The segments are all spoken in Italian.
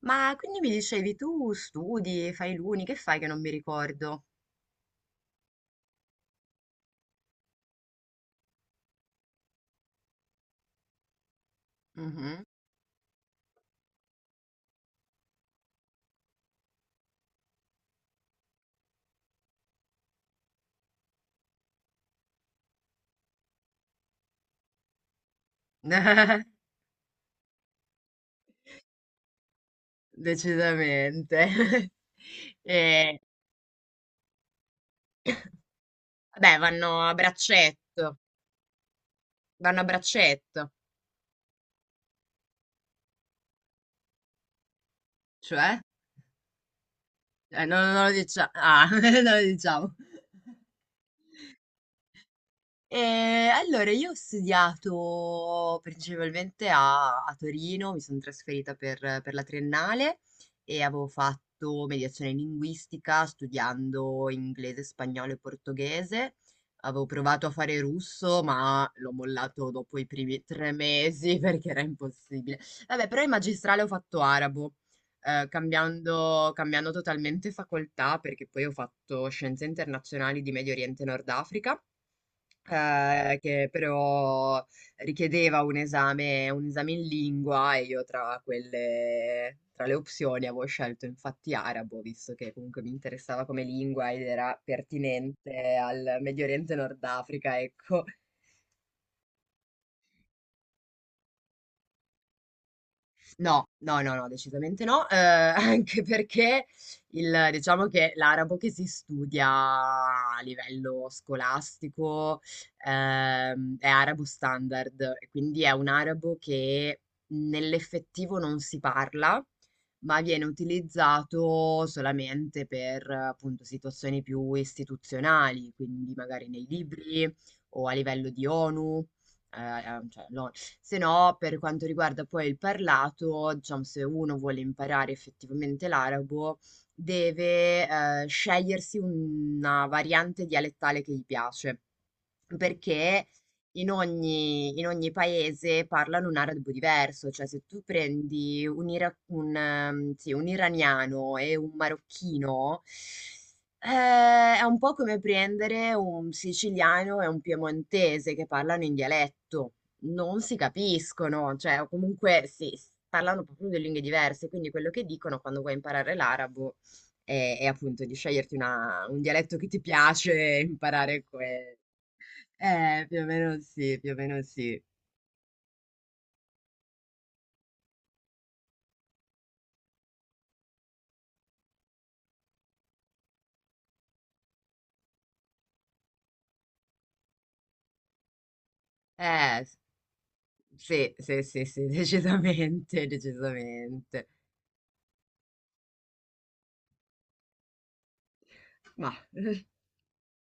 Ma quindi mi dicevi tu studi, fai l'uni, che fai che non mi ricordo? Mhm. Decisamente. Eh, beh, vanno a braccetto, cioè? Non lo diciamo. Ah, non lo diciamo. Allora io ho studiato principalmente a Torino, mi son trasferita per la triennale e avevo fatto mediazione linguistica studiando inglese, spagnolo e portoghese. Avevo provato a fare russo, ma l'ho mollato dopo i primi 3 mesi perché era impossibile. Vabbè, però in magistrale ho fatto arabo, cambiando totalmente facoltà perché poi ho fatto scienze internazionali di Medio Oriente e Nord Africa, che però richiedeva un esame in lingua e io tra le opzioni avevo scelto infatti arabo, visto che comunque mi interessava come lingua ed era pertinente al Medio Oriente e Nord Africa, ecco. No, no, no, no, decisamente no, anche perché diciamo che l'arabo che si studia a livello scolastico è arabo standard, e quindi è un arabo che nell'effettivo non si parla, ma viene utilizzato solamente per appunto situazioni più istituzionali, quindi magari nei libri o a livello di ONU. Cioè, no. Se no, per quanto riguarda poi il parlato, diciamo, se uno vuole imparare effettivamente l'arabo, deve scegliersi una variante dialettale che gli piace, perché in ogni paese parlano un arabo diverso, cioè se tu prendi sì, un iraniano e un marocchino, è un po' come prendere un siciliano e un piemontese che parlano in dialetto. Non si capiscono, cioè o comunque sì, parlano proprio due lingue diverse, quindi quello che dicono quando vuoi imparare l'arabo è appunto di sceglierti un dialetto che ti piace e imparare quello. Più o meno sì, più o meno sì. Eh, s- sì, sì, sì, sì, decisamente, decisamente. Ma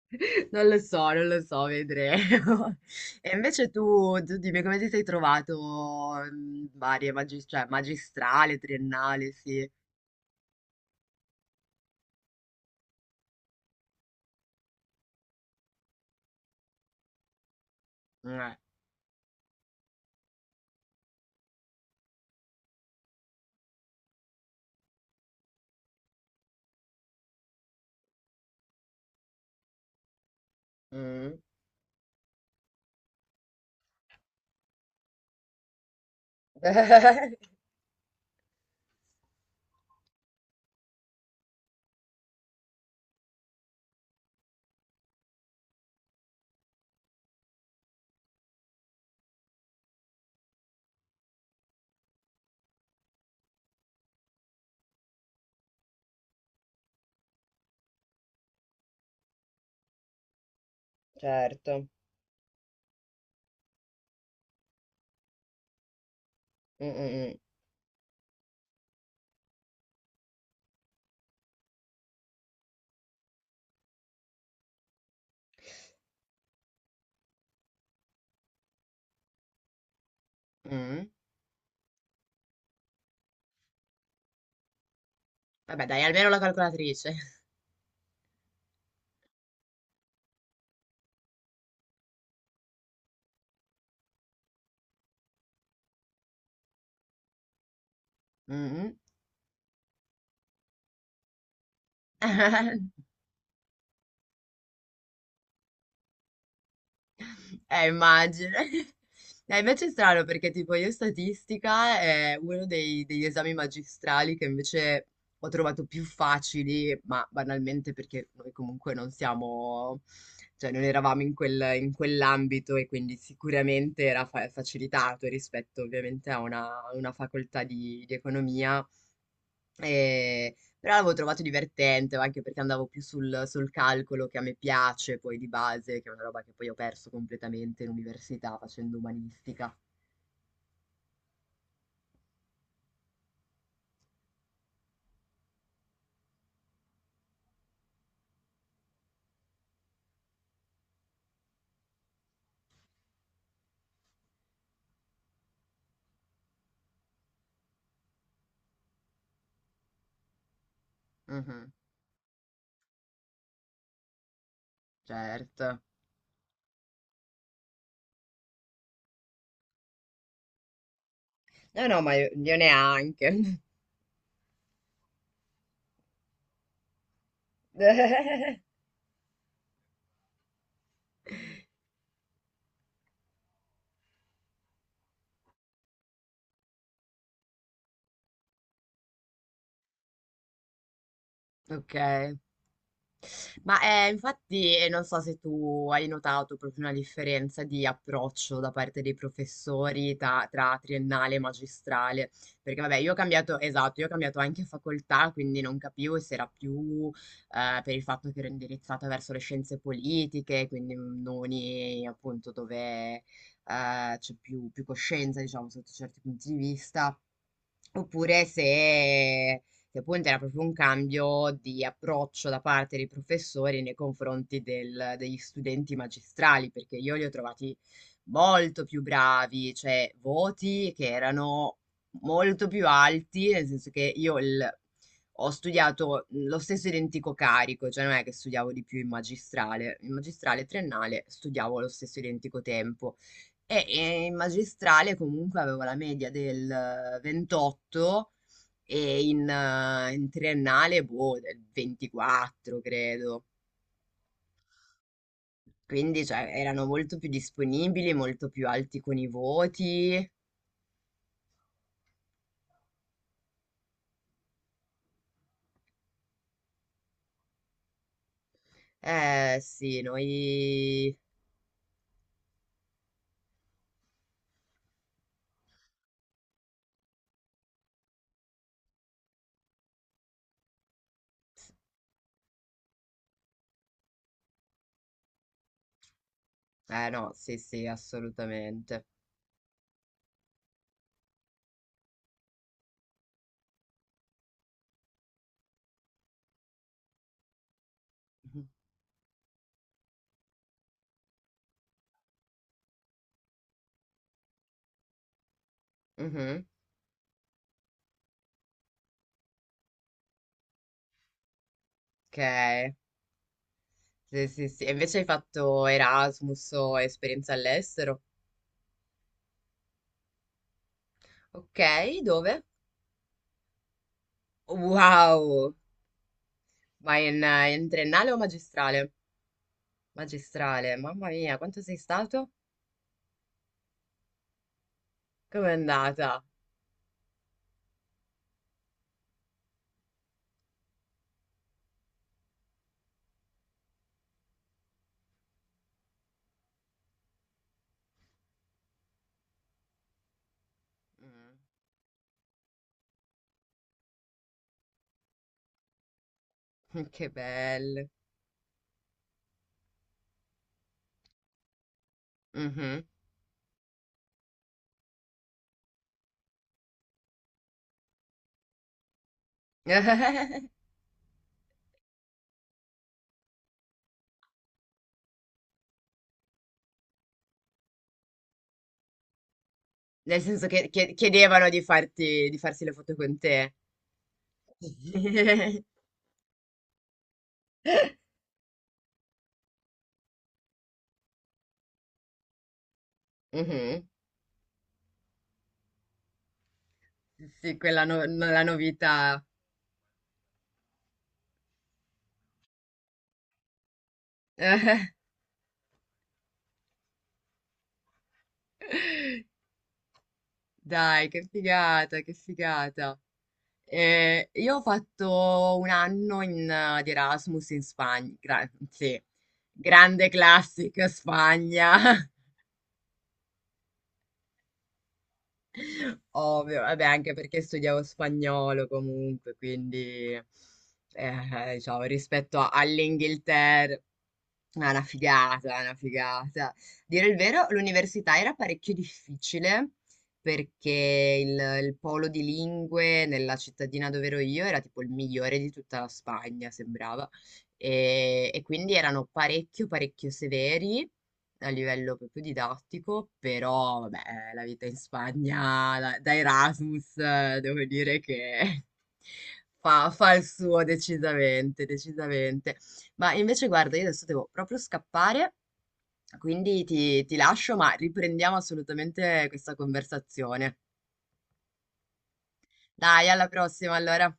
non lo so, non lo so, vedremo. E invece tu, dimmi come ti sei trovato in varie cioè, magistrale, triennale, sì. Eh, mm. Certo. Mm, mm, mm, mm. Vabbè, dai, almeno la calcolatrice. Mm. Mm. Immagino. Invece è strano perché tipo io statistica è uno degli esami magistrali che invece ho trovato più facili, ma banalmente perché noi comunque non siamo, cioè non eravamo in in quell'ambito e quindi sicuramente era facilitato rispetto ovviamente a una facoltà di economia. Però l'avevo trovato divertente, anche perché andavo più sul calcolo che a me piace, poi di base, che è una roba che poi ho perso completamente in università facendo umanistica. Mhm, certo. No, no, ma io neanche. Ok. Ma infatti non so se tu hai notato proprio una differenza di approccio da parte dei professori tra, triennale e magistrale, perché vabbè esatto, io ho cambiato anche facoltà, quindi non capivo se era più per il fatto che ero indirizzata verso le scienze politiche, quindi noni appunto dove eh, c'è più coscienza, diciamo, sotto certi punti di vista. Oppure se appunto era proprio un cambio di approccio da parte dei professori nei confronti degli studenti magistrali, perché io li ho trovati molto più bravi, cioè voti che erano molto più alti, nel senso che io ho studiato lo stesso identico carico, cioè non è che studiavo di più in magistrale triennale studiavo lo stesso identico tempo, e in magistrale comunque avevo la media del 28 e in triennale, boh, del 24, credo. Quindi, cioè, erano molto più disponibili, molto più alti con i voti. Sì, noi... no, sì, sì, assolutamente. Mhm. Mhm. Ok. Sì, sì, sì. E invece hai fatto Erasmus o esperienza all'estero? Ok, dove? Wow! Ma in triennale o magistrale? Magistrale, mamma mia, quanto sei stato? Com'è andata? Mm, che bello. Mhm. Nel senso chiedevano di farsi le foto con te. Mhm. Sì, quella no- no- la novità. Dai, che figata, che figata. Io ho fatto un anno di Erasmus in Spagna, sì, grande classica Spagna, ovvio, vabbè, anche perché studiavo spagnolo comunque, quindi diciamo, rispetto all'Inghilterra. Ah, una figata, una figata. Dire il vero, l'università era parecchio difficile perché il polo di lingue nella cittadina dove ero io era tipo il migliore di tutta la Spagna, sembrava. E quindi erano parecchio, parecchio severi a livello proprio didattico, però vabbè, la vita in Spagna da Erasmus, devo dire che fa il suo decisamente, decisamente. Ma invece guarda, io adesso devo proprio scappare, quindi ti, lascio, ma riprendiamo assolutamente questa conversazione. Dai, alla prossima allora.